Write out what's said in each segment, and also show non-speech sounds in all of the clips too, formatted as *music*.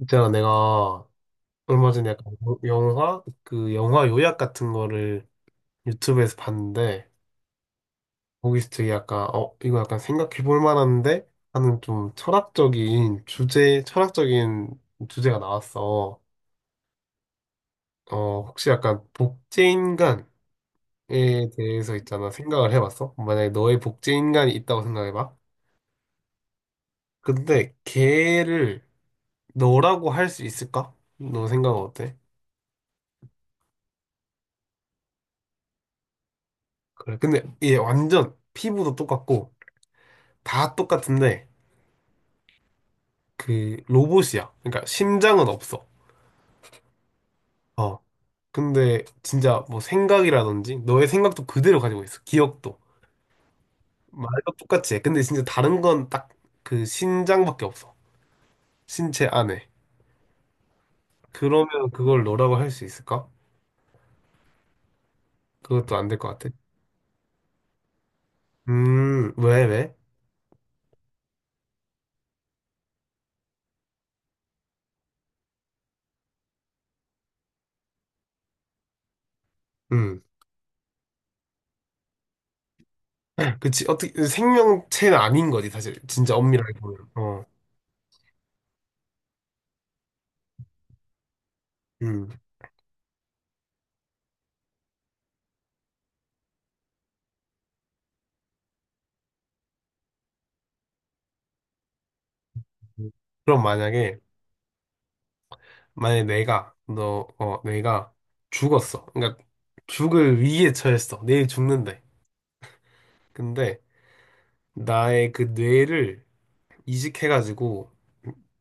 있잖아, 내가 얼마 전에 약간 영화, 그 영화 요약 같은 거를 유튜브에서 봤는데, 거기서 되게 약간, 이거 약간 생각해 볼 만한데? 하는 좀 철학적인 주제가 나왔어. 혹시 약간 복제인간에 대해서 있잖아, 생각을 해봤어? 만약에 너의 복제인간이 있다고 생각해봐. 근데 걔를 너라고 할 수 있을까? 너 생각은 어때? 그래. 근데 얘 완전 피부도 똑같고, 다 똑같은데 그 로봇이야. 그러니까 심장은 없어. 어. 근데 진짜 뭐 생각이라든지 너의 생각도 그대로 가지고 있어. 기억도. 말도 똑같이 해. 근데 진짜 다른 건 딱 그 심장밖에 없어. 신체 안에. 그러면 그걸 너라고 할 수 있을까? 그것도 안 될 것 같아. 왜, 왜? 음. 그치. 어떻게, 생명체는 아닌 거지, 사실. 진짜 엄밀하게 보면. 어. 음. 그럼 만약에 내가 너 어 내가 죽었어. 그러니까 죽을 위기에 처했어. 내일 죽는데. 근데 나의 그 뇌를 이식해가지고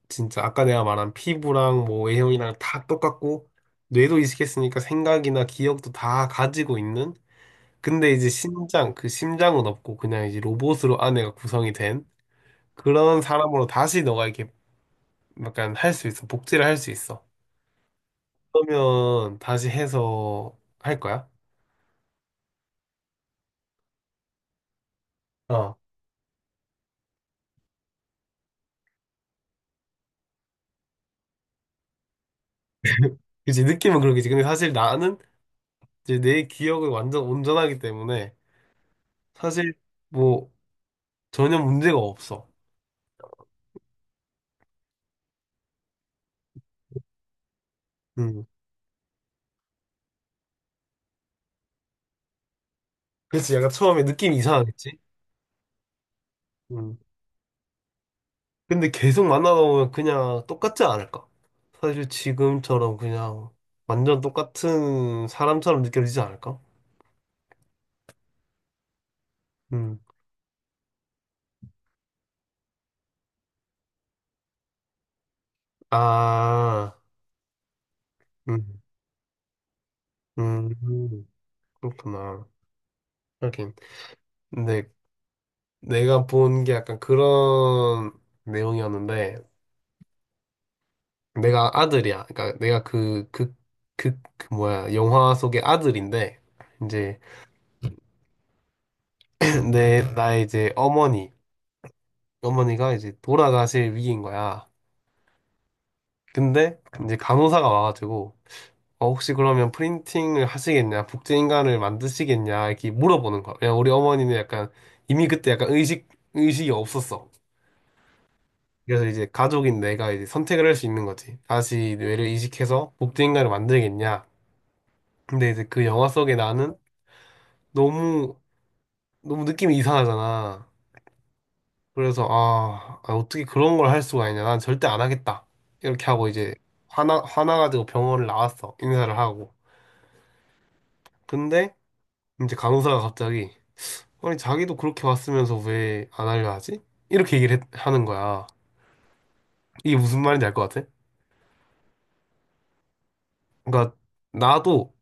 진짜 아까 내가 말한 피부랑 뭐 외형이랑 다 똑같고 뇌도 이식했으니까 생각이나 기억도 다 가지고 있는 근데 이제 심장 그 심장은 없고 그냥 이제 로봇으로 아내가 구성이 된 그런 사람으로 다시 너가 이렇게 약간 할 수 있어 복제를 할 수 있어 그러면 다시 해서 할 거야? 어, 그치, 느낌은 그렇겠지. 근데 사실 나는 이제 내 기억은 완전 온전하기 때문에 사실 뭐 전혀 문제가 없어. 음. 그치, 약간 처음에 느낌이 이상하겠지? 음. 근데 계속 만나다 보면 그냥 똑같지 않을까? 사실 지금처럼 그냥 완전 똑같은 사람처럼 느껴지지 않을까? 음. 아, 음, 음, 그렇구나. 하긴. 근데 내가 본 게 약간 그런 내용이었는데 내가 아들이야. 그러니까 내가 그 뭐야, 영화 속의 아들인데, 이제 *clears throat* 나의 이제 어머니가 이제 돌아가실 위기인 거야. 근데 이제 간호사가 와가지고, 어, 혹시 그러면 프린팅을 하시겠냐? 복제인간을 만드시겠냐? 이렇게 물어보는 거야. 왜냐 우리 어머니는 약간, 이미 그때 약간 의식이 없었어. 그래서 이제 가족인 내가 이제 선택을 할 수 있는 거지. 다시 뇌를 이식해서 복제인간을 만들겠냐? 근데 이제 그 영화 속에 나는 너무 너무 느낌이 이상하잖아. 그래서 어떻게 그런 걸 할 수가 있냐. 난 절대 안 하겠다. 이렇게 하고 이제 화나가지고 병원을 나왔어. 인사를 하고. 근데 이제 간호사가 갑자기 아니 자기도 그렇게 왔으면서 왜 안 하려 하지? 이렇게 얘기를 하는 거야. 이게 무슨 말인지 알 것 같아? 그러니까 나도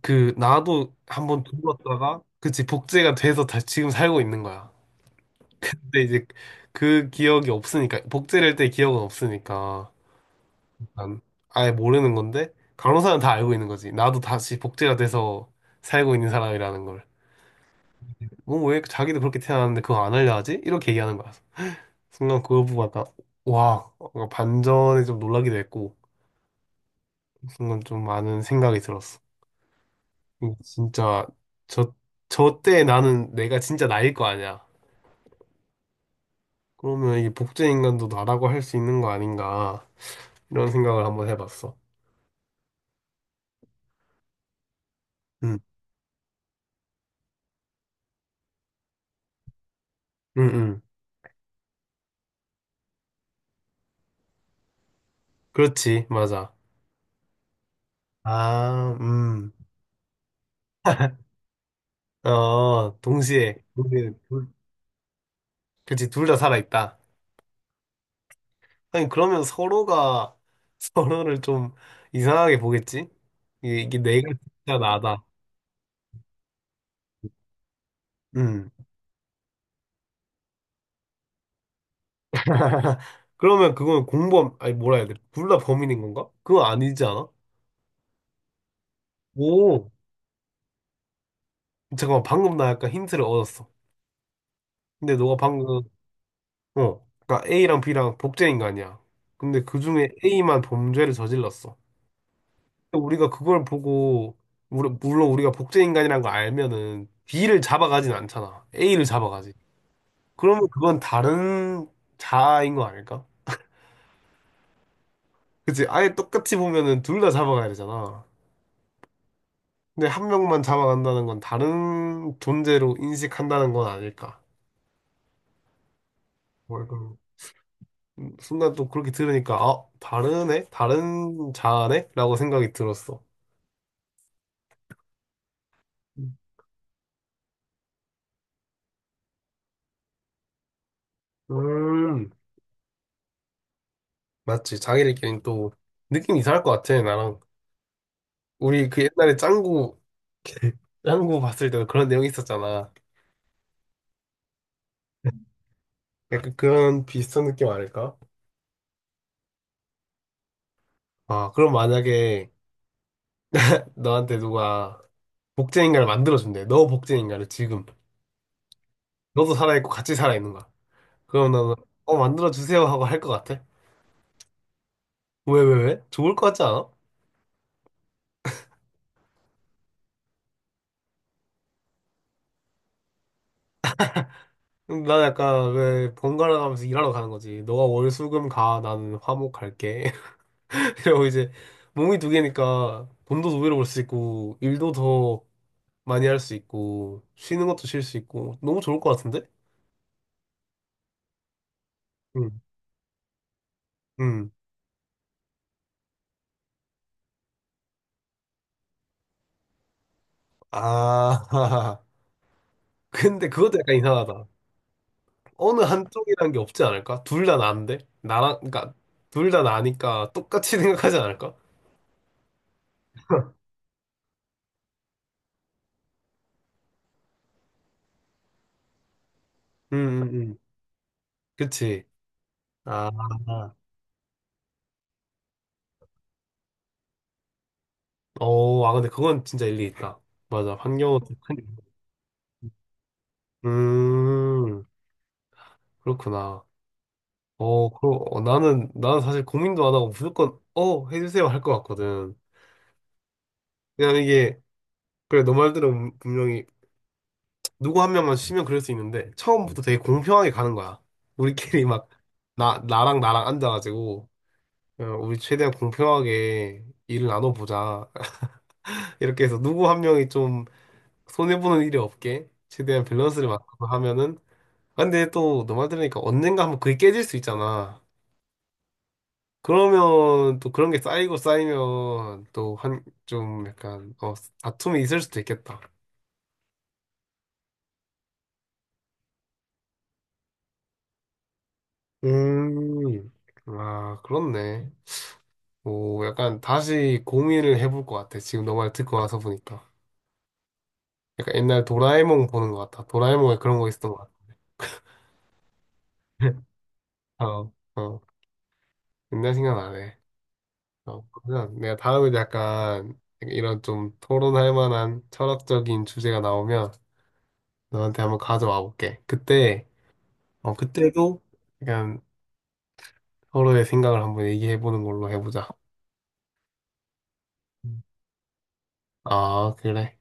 한번 죽었다가 그치 복제가 돼서 다 지금 살고 있는 거야. 근데 이제 그 기억이 없으니까 복제를 할 때 기억은 없으니까. 난 아예 모르는 건데 간호사는 다 알고 있는 거지. 나도 다시 복제가 돼서 살고 있는 사람이라는 걸. 뭐 왜 자기도 그렇게 태어났는데 그거 안 알려하지? 이렇게 얘기하는 거야. 순간 그거 보고 약간 와 뭔가 반전에 좀 놀라기도 했고 순간 좀 많은 생각이 들었어. 이게 진짜 저 저 때 나는 내가 진짜 나일 거 아니야. 그러면 이게 복제 인간도 나라고 할 수 있는 거 아닌가 이런 생각을 한번 해봤어. 응, 응, 응. 그렇지, 맞아. 아, 동시에 둘, 그치, 둘 다 살아있다. 아니, 그러면 서로가 *laughs* 서로를 좀 이상하게 보겠지? 이게 내가 진짜 나다. 음. *laughs* 그러면 그건 공범, 아니, 뭐라 해야 돼? 둘 다 범인인 건가? 그건 아니지 않아? 오, 잠깐만, 방금 나 약간 힌트를 얻었어. 근데 너가 방금, 그러니까 A랑 B랑 복제인 거 아니야? 근데 그 중에 A만 범죄를 저질렀어. 우리가 그걸 보고 물론 우리가 복제 인간이라는 걸 알면은 B를 잡아가진 않잖아. A를 잡아가지. 그러면 그건 다른 자아인 거 아닐까? 그치? 아예 똑같이 보면은 둘 다 잡아가야 되잖아. 근데 한 명만 잡아간다는 건 다른 존재로 인식한다는 건 아닐까? 뭘 그 순간 또 그렇게 들으니까 아 다르네? 다른 자아네? 라고 생각이 들었어. 음 맞지 자기들끼리 또 느낌 이상할 것 같아 나랑 우리 그 옛날에 짱구 봤을 때도 그런 내용이 있었잖아. 약간 그런 비슷한 느낌 아닐까? 아, 그럼 만약에 너한테 누가 복제인간을 만들어준대. 너 복제인간을 지금. 너도 살아있고 같이 살아있는 거야. 그럼 너는, 만들어주세요 하고 할 것 같아? 왜, 왜, 왜? 좋을 것 같지 않아? 난 약간 왜 번갈아 가면서 일하러 가는 거지. 너가 월, 수, 금 가. 나는 화목 갈게. *laughs* 이러고 이제 몸이 두 개니까 돈도 두 배로 벌 수 있고, 일도 더 많이 할 수 있고, 쉬는 것도 쉴 수 있고, 너무 좋을 것 같은데? 응. 음. 아, *laughs* 근데 그것도 약간 이상하다. 어느 한쪽이란 게 없지 않을까? 둘 다 나인데? 나랑, 그러니까, 둘 다 나니까 똑같이 *laughs* 생각하지 않을까? 음, 음, 음. 그치. 아, 근데 그건 진짜 일리 있다. 맞아. 환경은 또 큰, 음, 그렇구나. 그럼, 나는 사실 고민도 안 하고 무조건, 해주세요 할 것 같거든. 그냥 이게, 그래, 너 말대로 분명히 누구 한 명만 쉬면 그럴 수 있는데 처음부터 되게 공평하게 가는 거야. 우리끼리 막 나랑 나랑 앉아가지고 우리 최대한 공평하게 일을 나눠보자. *laughs* 이렇게 해서 누구 한 명이 좀 손해보는 일이 없게 최대한 밸런스를 맞춰서 하면은 아, 근데 또 너 말 들으니까 언젠가 한번 그게 깨질 수 있잖아. 그러면 또 그런 게 쌓이고 쌓이면 또 한 좀 약간 어 다툼이 있을 수도 있겠다. 음, 아 그렇네. 오, 약간 다시 고민을 해볼 것 같아. 지금 너 말 듣고 와서 보니까. 약간 옛날 도라에몽 보는 것 같아. 도라에몽에 그런 거 있었던 것 같아. *laughs* 어, 어. 옛날 생각나네. 그러면 내가 다음에 약간 이런 좀 토론할 만한 철학적인 주제가 나오면 너한테 한번 가져와 볼게. 그때, 그때도 약간 서로의 생각을 한번 얘기해 보는 걸로 해보자. 음. 아, 그래.